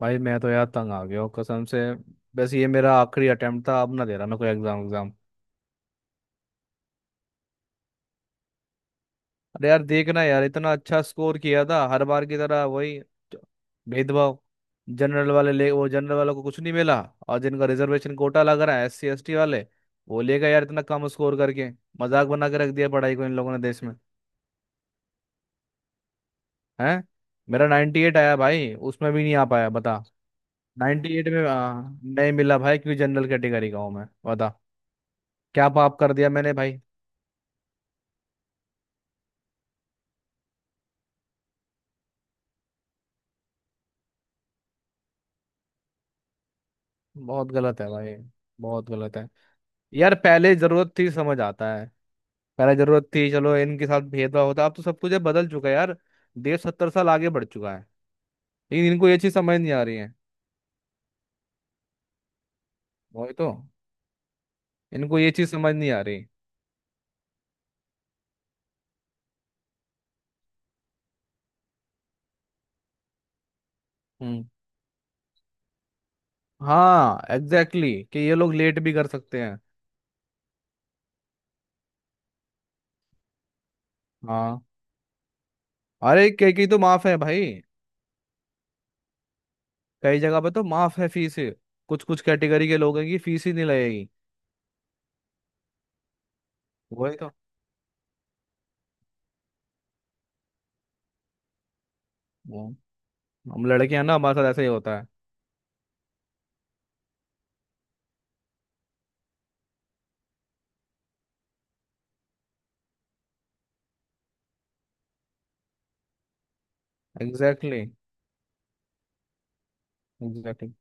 भाई मैं तो यार तंग आ गया हूँ कसम से। बस ये मेरा आखिरी अटेम्प्ट था। अब ना दे रहा मैं कोई एग्जाम एग्जाम। अरे यार देखना यार इतना अच्छा स्कोर किया था हर बार की तरह। वही च- भेदभाव। जनरल वाले ले वो जनरल वालों को कुछ नहीं मिला। और जिनका रिजर्वेशन कोटा लग रहा है एस सी एस टी वाले वो ले गए यार इतना कम स्कोर करके। मजाक बना के रख दिया पढ़ाई को इन लोगों ने देश में। है। मेरा 98 आया भाई। उसमें भी नहीं आ पाया बता। 98 में नहीं मिला भाई क्योंकि जनरल कैटेगरी का हूँ मैं। बता क्या पाप कर दिया मैंने भाई। बहुत गलत है भाई। बहुत गलत है। यार पहले जरूरत थी समझ आता है। पहले जरूरत थी चलो इनके साथ भेदभाव होता। अब तो सब कुछ ये बदल चुका है यार। देश 70 साल आगे बढ़ चुका है। लेकिन इनको ये चीज समझ नहीं आ रही है। वही तो। इनको ये चीज समझ नहीं आ रही। हम्म। हाँ एग्जैक्टली कि ये लोग लेट भी कर सकते हैं। हाँ। अरे कई कई तो माफ है भाई। कई जगह पे तो माफ है फीस। कुछ कुछ कैटेगरी के लोगों की फीस ही नहीं लगेगी। वही तो। वो हम लड़के हैं ना हमारे साथ ऐसा ही होता है। Exactly exactly.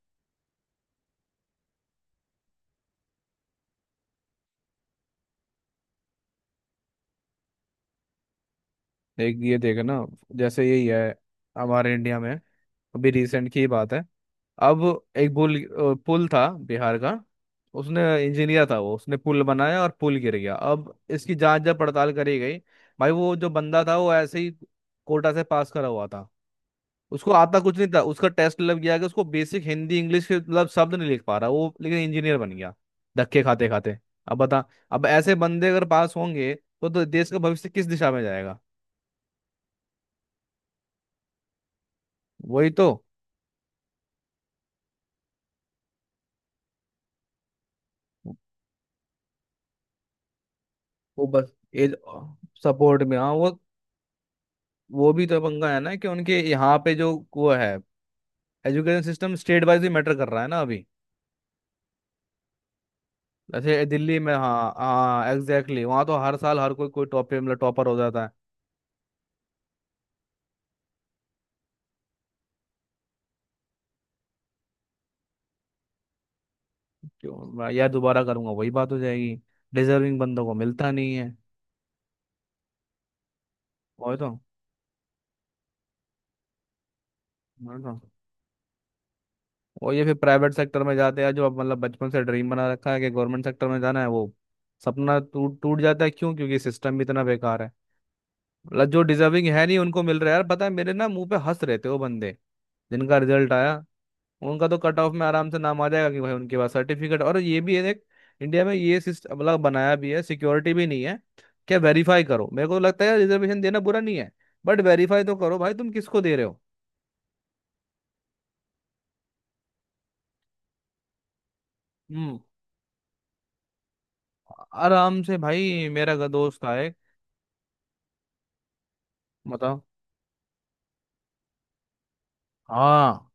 एक ये देखे ना। जैसे यही है हमारे इंडिया में। अभी रिसेंट की बात है। अब एक पुल पुल था बिहार का। उसने इंजीनियर था वो। उसने पुल बनाया और पुल गिर गया। अब इसकी जांच जब पड़ताल करी गई भाई। वो जो बंदा था वो ऐसे ही कोटा से पास करा हुआ था। उसको आता कुछ नहीं था। उसका टेस्ट मतलब किया कि उसको बेसिक हिंदी इंग्लिश के मतलब शब्द नहीं लिख पा रहा वो, लेकिन इंजीनियर बन गया धक्के खाते खाते। अब बता। अब ऐसे बंदे अगर पास होंगे तो देश का भविष्य किस दिशा में जाएगा। वही तो। वो बस एज सपोर्ट में। हाँ वो भी तो पंगा है ना कि उनके यहाँ पे जो वो है एजुकेशन सिस्टम स्टेट वाइज ही मैटर कर रहा है ना अभी। जैसे दिल्ली में हाँ हाँ एग्जैक्टली। वहाँ तो हर साल हर कोई कोई टॉप मतलब टॉपर हो जाता है। क्यों? मैं यार दोबारा करूंगा वही बात हो जाएगी। डिजर्विंग बंदों को मिलता नहीं है। वही तो। वही तो। और ये फिर प्राइवेट सेक्टर में जाते हैं, जो अब मतलब बचपन से ड्रीम बना रखा है कि गवर्नमेंट सेक्टर में जाना है। वो सपना टूट टूट जाता है। क्यों? क्योंकि सिस्टम भी इतना बेकार है। मतलब जो डिजर्विंग है नहीं उनको मिल रहा है यार। पता है मेरे ना मुंह पे हंस रहे थे वो बंदे जिनका रिजल्ट आया। उनका तो कट ऑफ में आराम से नाम आ जाएगा कि भाई उनके पास सर्टिफिकेट और ये भी है, देख। इंडिया में ये सिस्टम मतलब बनाया भी है सिक्योरिटी भी नहीं है। क्या वेरीफाई करो। मेरे को लगता है रिजर्वेशन देना बुरा नहीं है, बट वेरीफाई तो करो भाई तुम किसको दे रहे हो। हम्म। आराम से भाई। मेरा का दोस्त था एक। बताओ। हाँ।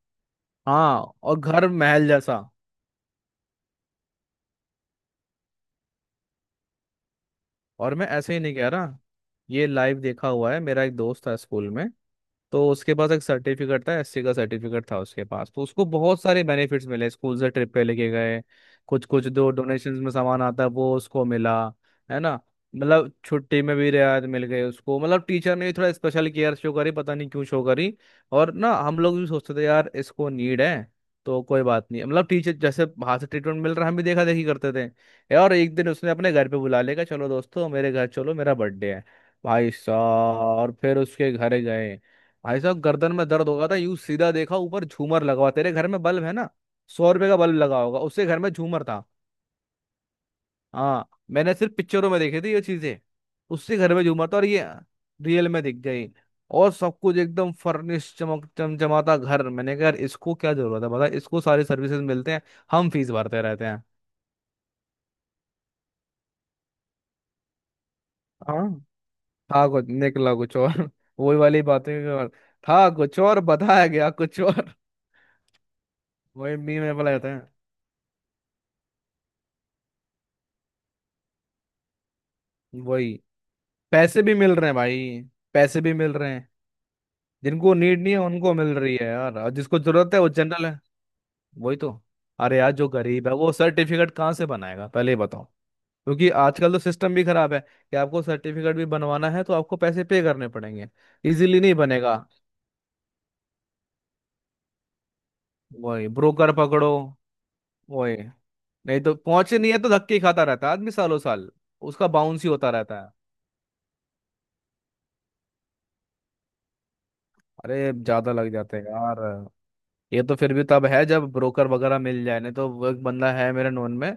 हाँ, और घर महल जैसा। और मैं ऐसे ही नहीं कह रहा। ये लाइव देखा हुआ है। मेरा एक दोस्त था स्कूल में। तो उसके पास एक सर्टिफिकेट था, एससी का सर्टिफिकेट था उसके पास। तो उसको बहुत सारे बेनिफिट्स मिले स्कूल से। ट्रिप पे लेके गए। कुछ कुछ दो डोनेशंस में सामान आता है वो उसको मिला। है ना? मतलब छुट्टी में भी रियायत मिल गई उसको। मतलब टीचर ने भी थोड़ा स्पेशल केयर शो करी, पता नहीं क्यों शो करी। और ना हम लोग भी सोचते थे यार इसको नीड है तो कोई बात नहीं। मतलब टीचर जैसे बाहर से ट्रीटमेंट मिल रहा है, हम भी देखा देखी करते थे। और एक दिन उसने अपने घर पे बुला लेगा चलो दोस्तों मेरे घर चलो मेरा बर्थडे है। भाई साहब और फिर उसके घर गए। भाई साहब गर्दन में दर्द होगा था यूं सीधा देखा ऊपर झूमर लगा हुआ। तेरे घर में बल्ब है ना, 100 रुपए का बल्ब लगा होगा, उससे घर में झूमर था। हाँ मैंने सिर्फ पिक्चरों में देखी थी ये चीजें। उससे घर में झूमर था और ये रियल में दिख गई। और सब कुछ एकदम फर्निश चमक चमचमाता घर। मैंने कहा यार इसको क्या जरूरत है, बता। इसको सारी सर्विसेज मिलते हैं, हम फीस भरते रहते हैं। हाँ। था कुछ, निकला कुछ और। वही वाली बातें। और था कुछ और, बताया गया कुछ और। वही मी में बोला जाता है। वही। पैसे भी मिल रहे हैं भाई। पैसे भी मिल रहे हैं। जिनको नीड नहीं है उनको मिल रही है यार, और जिसको जरूरत है वो जनरल है। वही तो। अरे यार जो गरीब है वो सर्टिफिकेट कहाँ से बनाएगा, पहले ये बताओ। क्योंकि आजकल तो सिस्टम भी खराब है कि आपको सर्टिफिकेट भी बनवाना है तो आपको पैसे पे करने पड़ेंगे। इजीली नहीं बनेगा। वही, ब्रोकर पकड़ो। वही। नहीं तो पहुंचे नहीं है तो धक्के ही खाता रहता है आदमी सालों साल। उसका बाउंस ही होता रहता है। अरे ज्यादा लग जाते हैं यार। ये तो फिर भी तब है जब ब्रोकर वगैरह मिल जाए। नहीं तो वो एक बंदा है मेरे नोन में,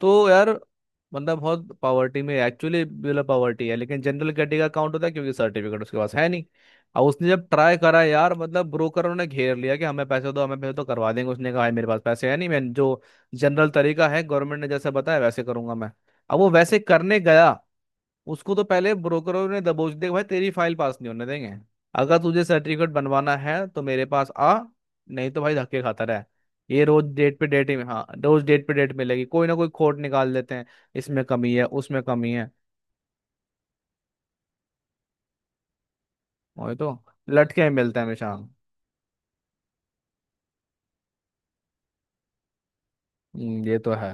तो यार बंदा बहुत पावर्टी में एक्चुअली बिलो पावर्टी है, लेकिन जनरल कैटेगरी का काउंट होता है क्योंकि सर्टिफिकेट उसके पास है नहीं। और उसने जब ट्राई करा यार, मतलब ब्रोकरों ने घेर लिया कि हमें पैसे दो, हमें पैसे तो करवा देंगे। उसने कहा भाई मेरे पास पैसे है नहीं, मैं जो जनरल तरीका है गवर्नमेंट ने जैसे बताया वैसे करूंगा मैं। अब वो वैसे करने गया। उसको तो पहले ब्रोकरों ने दबोच दिया, भाई तेरी फाइल पास नहीं होने देंगे। अगर तुझे सर्टिफिकेट बनवाना है तो मेरे पास आ। नहीं तो भाई धक्के खाता रहा। ये रोज डेट पे डेट ही। हाँ, रोज डेट पे डेट मिलेगी। कोई ना कोई खोट निकाल देते हैं, इसमें कमी है उसमें कमी है। वही तो। लटके ही मिलते हैं हमेशा। ये तो है।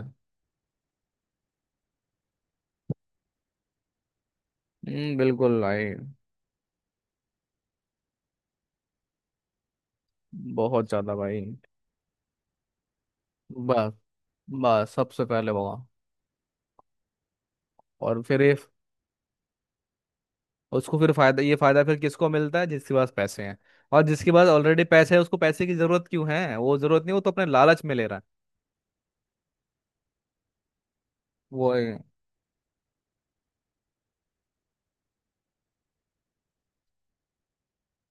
बिल्कुल भाई। बहुत ज्यादा भाई। बस। बस सबसे पहले वो। और फिर ये। उसको फिर फायदा, ये फायदा फिर किसको मिलता है, जिसके पास पैसे हैं। और जिसके पास ऑलरेडी पैसे है उसको पैसे की जरूरत क्यों है? वो जरूरत नहीं, वो तो अपने लालच में ले रहा है। वो है।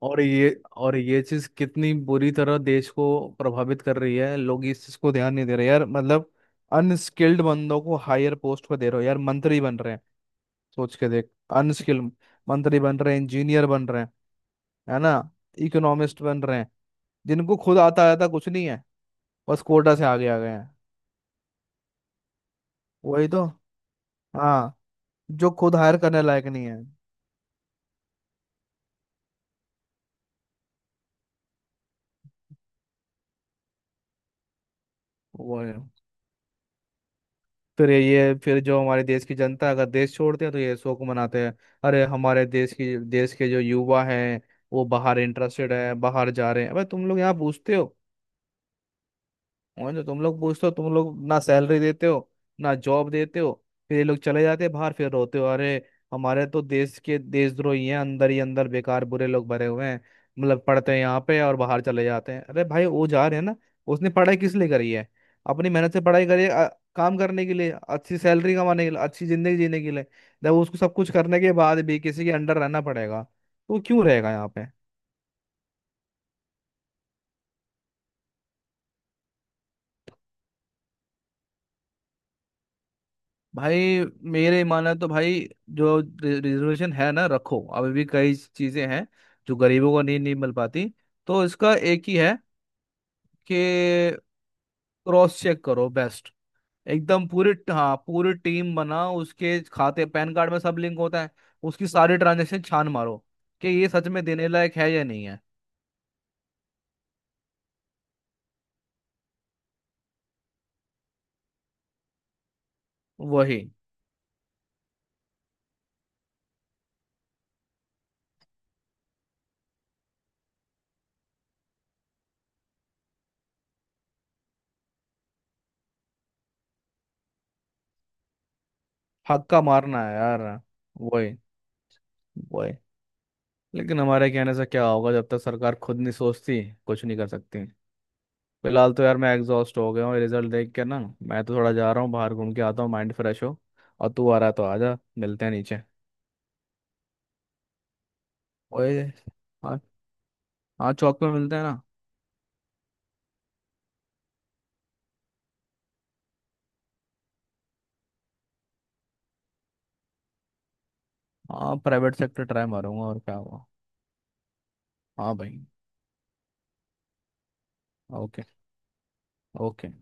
और ये। और ये चीज कितनी बुरी तरह देश को प्रभावित कर रही है, लोग इस चीज को ध्यान नहीं दे रहे यार। मतलब अनस्किल्ड बंदों को हायर पोस्ट पे दे रहे हो यार। मंत्री बन रहे हैं। सोच के देख। अनस्किल्ड मंत्री बन रहे हैं। इंजीनियर बन रहे हैं। है ना? इकोनॉमिस्ट बन रहे हैं। जिनको खुद आता आता कुछ नहीं है। बस कोटा से आगे आ गए हैं। वही तो। हाँ। जो खुद हायर करने लायक नहीं है। वो है। फिर ये। फिर जो हमारे देश की जनता है, अगर देश छोड़ते हैं तो ये शोक मनाते हैं। अरे हमारे देश की, देश के जो युवा हैं वो बाहर इंटरेस्टेड है बाहर जा रहे हैं। अबे तुम लोग यहाँ पूछते हो। और जो तुम लोग पूछते हो, तुम लोग ना सैलरी देते हो ना जॉब देते हो। फिर ये लोग चले जाते हैं बाहर, फिर रोते हो अरे हमारे तो देश के देशद्रोही हैं, अंदर ही अंदर बेकार बुरे लोग भरे हुए हैं। मतलब पढ़ते हैं यहाँ पे और बाहर चले जाते हैं। अरे भाई वो जा रहे हैं ना। उसने पढ़ाई किस लिए करी है? अपनी मेहनत से पढ़ाई करी है काम करने के लिए, अच्छी सैलरी कमाने के लिए, अच्छी जिंदगी जीने के लिए। जब उसको सब कुछ करने के बाद भी किसी के अंडर रहना पड़ेगा तो वो क्यों रहेगा यहाँ पे? भाई मेरे माना तो भाई जो रिजर्वेशन है ना रखो। अभी भी कई चीजें हैं जो गरीबों को नहीं नहीं मिल पाती। तो इसका एक ही है, कि क्रॉस चेक करो बेस्ट। एकदम पूरी, हाँ पूरी टीम बनाओ। उसके खाते पैन कार्ड में सब लिंक होता है, उसकी सारी ट्रांजेक्शन छान मारो कि ये सच में देने लायक है या नहीं है। वही। हक्का मारना है यार। वही। वही। लेकिन हमारे कहने से क्या होगा, जब तक सरकार खुद नहीं सोचती कुछ नहीं कर सकती। फिलहाल तो यार मैं एग्जॉस्ट हो गया हूँ रिजल्ट देख के ना। मैं तो थोड़ा जा रहा हूँ बाहर, घूम के आता हूँ माइंड फ्रेश हो। और तू आ रहा है तो आजा, मिलते हैं नीचे। ओए। हाँ। हाँ, चौक पे मिलते हैं ना। हाँ प्राइवेट सेक्टर ट्राई मारूंगा और क्या हुआ। हाँ भाई। ओके। ओके।